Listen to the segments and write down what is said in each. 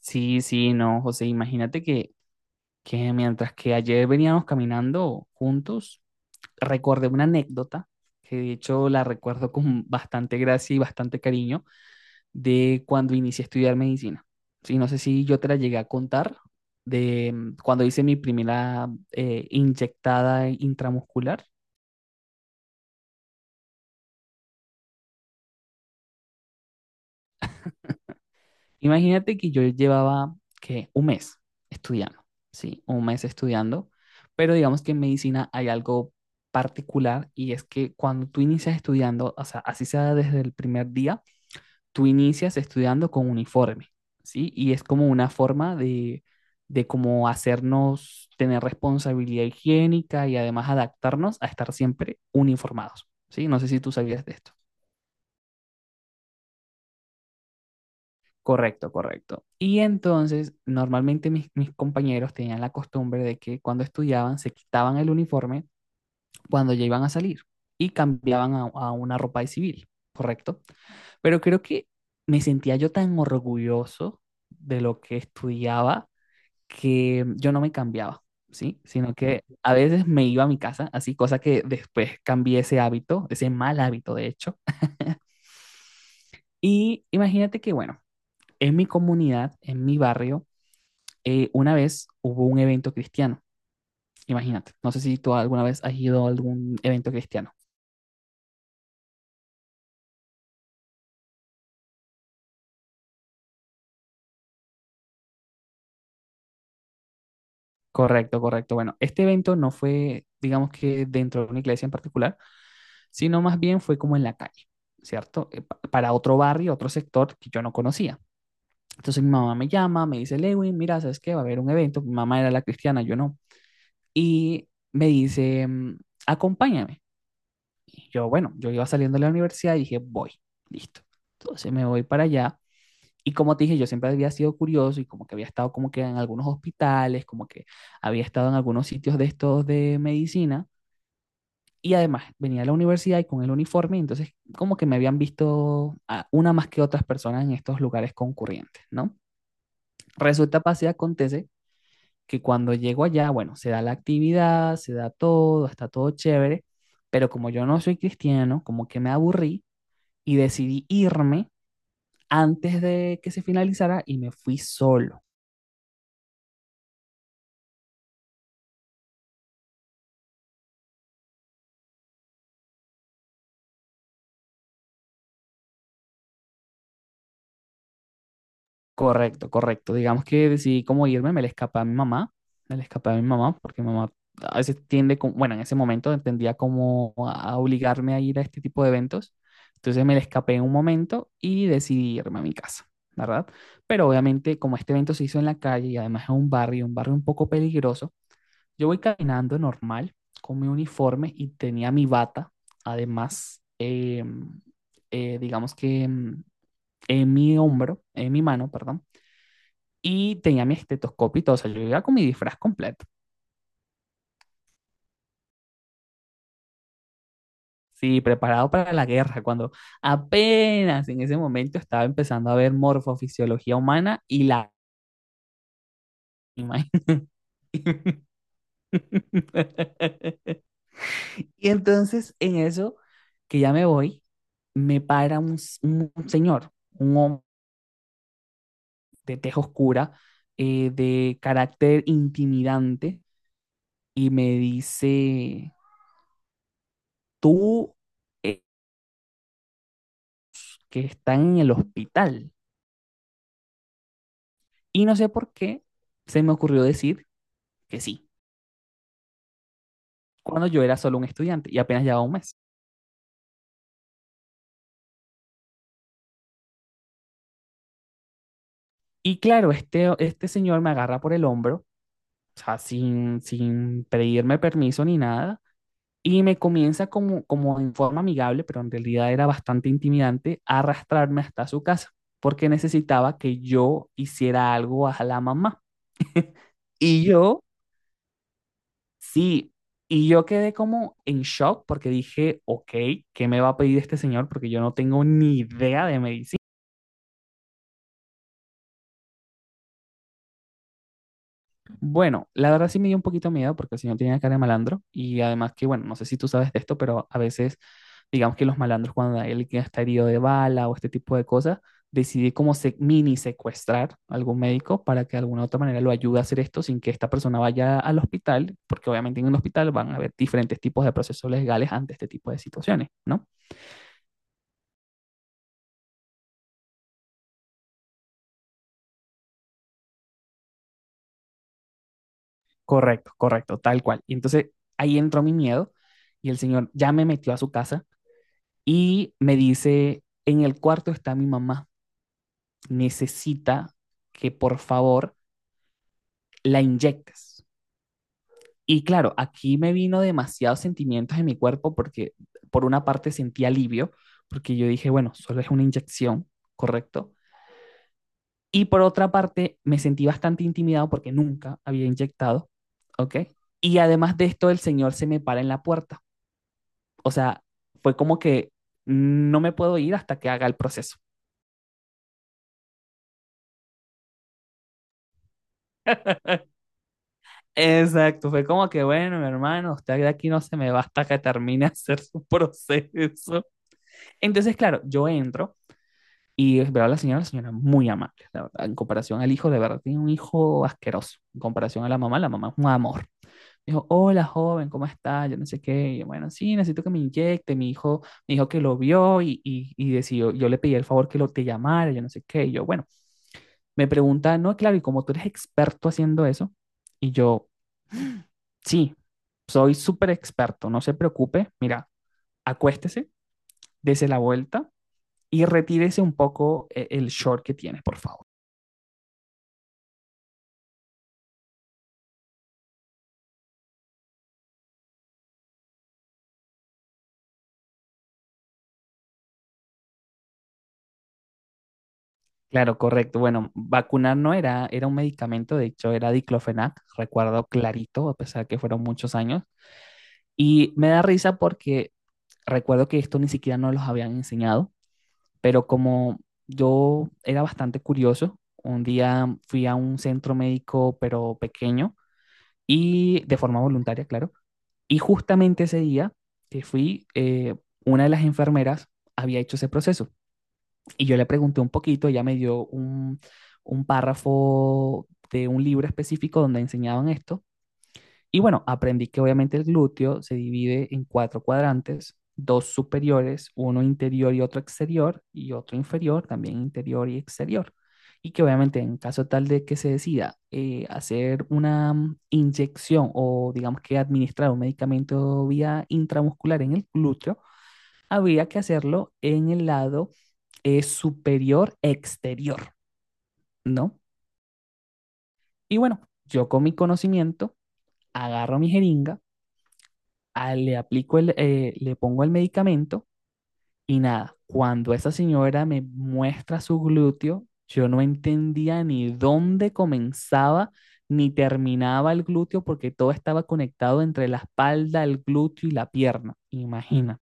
Sí, sí, no, José, imagínate que mientras que ayer veníamos caminando juntos, recordé una anécdota, que de hecho la recuerdo con bastante gracia y bastante cariño, de cuando inicié a estudiar medicina. Sí, no sé si yo te la llegué a contar, de cuando hice mi primera inyectada intramuscular. Imagínate que yo llevaba que un mes estudiando, sí, un mes estudiando, pero digamos que en medicina hay algo particular y es que cuando tú inicias estudiando, o sea, así sea desde el primer día, tú inicias estudiando con uniforme, sí, y es como una forma de cómo hacernos tener responsabilidad higiénica y además adaptarnos a estar siempre uniformados, sí. No sé si tú sabías de esto. Correcto, correcto. Y entonces, normalmente mis compañeros tenían la costumbre de que cuando estudiaban se quitaban el uniforme cuando ya iban a salir y cambiaban a una ropa de civil, ¿correcto? Pero creo que me sentía yo tan orgulloso de lo que estudiaba que yo no me cambiaba, ¿sí? Sino que a veces me iba a mi casa, así, cosa que después cambié ese hábito, ese mal hábito, de hecho. Y imagínate que, bueno, en mi comunidad, en mi barrio, una vez hubo un evento cristiano, imagínate, no sé si tú alguna vez has ido a algún evento cristiano. Correcto, correcto. Bueno, este evento no fue, digamos que dentro de una iglesia en particular, sino más bien fue como en la calle, ¿cierto? Para otro barrio, otro sector que yo no conocía. Entonces mi mamá me llama, me dice, Lewin, mira, ¿sabes qué? Va a haber un evento. Mi mamá era la cristiana, yo no. Y me dice, acompáñame. Y yo, bueno, yo iba saliendo de la universidad y dije, voy, listo. Entonces me voy para allá. Y como te dije, yo siempre había sido curioso y como que había estado como que en algunos hospitales, como que había estado en algunos sitios de estos de medicina. Y además venía a la universidad y con el uniforme, entonces como que me habían visto a una más que otras personas en estos lugares concurrentes, ¿no? Resulta, pasa y acontece que cuando llego allá, bueno, se da la actividad, se da todo, está todo chévere, pero como yo no soy cristiano, como que me aburrí y decidí irme antes de que se finalizara y me fui solo. Correcto, correcto. Digamos que decidí cómo irme, me le escapé a mi mamá, me le escapé a mi mamá, porque mi mamá a veces tiende, bueno, en ese momento entendía como a obligarme a ir a este tipo de eventos. Entonces me le escapé en un momento y decidí irme a mi casa, ¿verdad? Pero obviamente como este evento se hizo en la calle y además es un barrio, un barrio un poco peligroso, yo voy caminando normal con mi uniforme y tenía mi bata, además, digamos que en mi hombro, en mi mano, perdón, y tenía mi estetoscopio y todo, o sea, yo iba con mi disfraz completo, sí, preparado para la guerra, cuando apenas en ese momento estaba empezando a ver morfofisiología humana y la. Y entonces en eso, que ya me voy, me para un señor, un hombre de tez oscura, de carácter intimidante, y me dice, tú eh, que estás en el hospital. Y no sé por qué se me ocurrió decir que sí, cuando yo era solo un estudiante y apenas llevaba un mes. Y claro, este señor me agarra por el hombro, o sea, sin pedirme permiso ni nada, y me comienza como en forma amigable, pero en realidad era bastante intimidante, a arrastrarme hasta su casa, porque necesitaba que yo hiciera algo a la mamá. Y yo, sí, y yo quedé como en shock porque dije, ok, ¿qué me va a pedir este señor? Porque yo no tengo ni idea de medicina. Bueno, la verdad sí me dio un poquito miedo porque el señor tenía cara de malandro y además que, bueno, no sé si tú sabes de esto, pero a veces, digamos que los malandros cuando hay alguien que está herido de bala o este tipo de cosas, decide como mini secuestrar a algún médico para que de alguna u otra manera lo ayude a hacer esto sin que esta persona vaya al hospital, porque obviamente en un hospital van a haber diferentes tipos de procesos legales ante este tipo de situaciones, ¿no? Correcto, correcto, tal cual. Y entonces ahí entró mi miedo y el señor ya me metió a su casa. Y me dice, en el cuarto está mi mamá, necesita que por favor la inyectes. Y claro, aquí me vino demasiados sentimientos en mi cuerpo porque por una parte sentí alivio, porque yo dije, bueno, solo es una inyección, ¿correcto? Y por otra parte me sentí bastante intimidado porque nunca había inyectado, ¿ok? Y además de esto, el señor se me para en la puerta. O sea, fue como que no me puedo ir hasta que haga el proceso. Exacto, fue como que bueno, mi hermano, usted de aquí no se me va hasta que termine de hacer su proceso. Entonces, claro, yo entro y veo a la señora muy amable, la verdad, en comparación al hijo, de verdad, tiene un hijo asqueroso. En comparación a la mamá es un amor. Dijo, hola joven, ¿cómo está? Yo no sé qué. Y yo, bueno, sí, necesito que me inyecte. Mi hijo me dijo que lo vio y, y decidió, yo le pedí el favor que lo te llamara, yo no sé qué. Y yo, bueno, me pregunta, no, claro, y como tú eres experto haciendo eso, y yo, sí, soy súper experto, no se preocupe. Mira, acuéstese, dese la vuelta y retírese un poco el short que tiene, por favor. Claro, correcto. Bueno, vacunar no era, era un medicamento, de hecho era diclofenac, recuerdo clarito, a pesar que fueron muchos años. Y me da risa porque recuerdo que esto ni siquiera nos los habían enseñado, pero como yo era bastante curioso, un día fui a un centro médico, pero pequeño, y de forma voluntaria, claro. Y justamente ese día que fui, una de las enfermeras había hecho ese proceso y yo le pregunté un poquito, ella me dio un párrafo de un libro específico donde enseñaban esto y bueno, aprendí que obviamente el glúteo se divide en cuatro cuadrantes, dos superiores, uno interior y otro exterior, y otro inferior, también interior y exterior. Y que obviamente en caso tal de que se decida hacer una inyección o digamos que administrar un medicamento vía intramuscular en el glúteo, habría que hacerlo en el lado superior exterior, ¿no? Y bueno, yo con mi conocimiento agarro mi jeringa, ah, le pongo el medicamento y nada, cuando esa señora me muestra su glúteo, yo no entendía ni dónde comenzaba ni terminaba el glúteo porque todo estaba conectado entre la espalda, el glúteo y la pierna. Imagínate.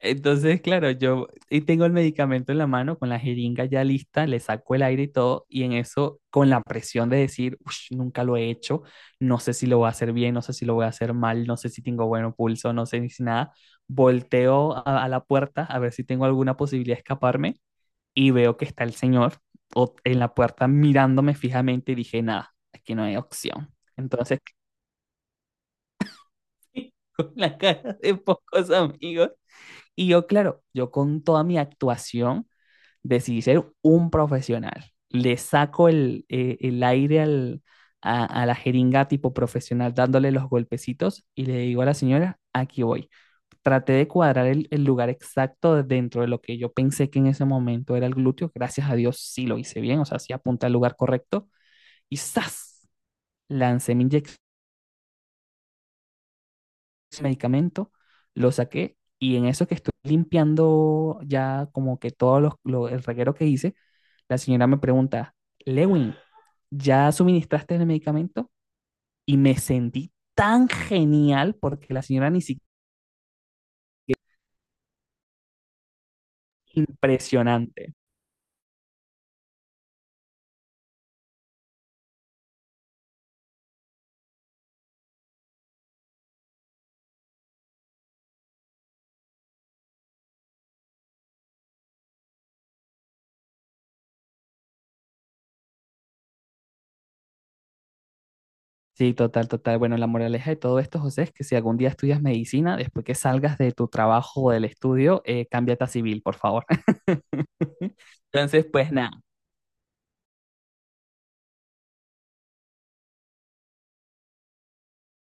Entonces, claro, yo y tengo el medicamento en la mano, con la jeringa ya lista, le saco el aire y todo, y en eso, con la presión de decir, "Ush, nunca lo he hecho, no sé si lo voy a hacer bien, no sé si lo voy a hacer mal, no sé si tengo buen pulso, no sé ni si nada, volteo a la puerta a ver si tengo alguna posibilidad de escaparme y veo que está el señor en la puerta mirándome fijamente y dije, nada, aquí no hay opción. Entonces, con la cara de pocos amigos. Y yo, claro, yo con toda mi actuación decidí ser un profesional. Le saco el aire la jeringa tipo profesional dándole los golpecitos y le digo a la señora, aquí voy. Traté de cuadrar el lugar exacto dentro de lo que yo pensé que en ese momento era el glúteo. Gracias a Dios sí lo hice bien, o sea, sí apunté al lugar correcto. Y ¡zas! Lancé mi inyección ese medicamento, lo saqué y en eso que estoy limpiando ya como que el reguero que hice, la señora me pregunta, Lewin, ¿ya suministraste el medicamento? Y me sentí tan genial porque la señora ni siquiera. Impresionante. Sí, total, total. Bueno, la moraleja de todo esto, José, es que si algún día estudias medicina, después que salgas de tu trabajo o del estudio, cámbiate a civil, por favor. Entonces, pues nada.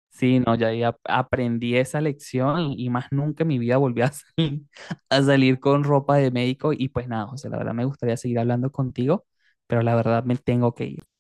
Sí, no, ya ahí aprendí esa lección y más nunca en mi vida volví a salir, a salir con ropa de médico y pues nada, José, la verdad me gustaría seguir hablando contigo, pero la verdad me tengo que ir.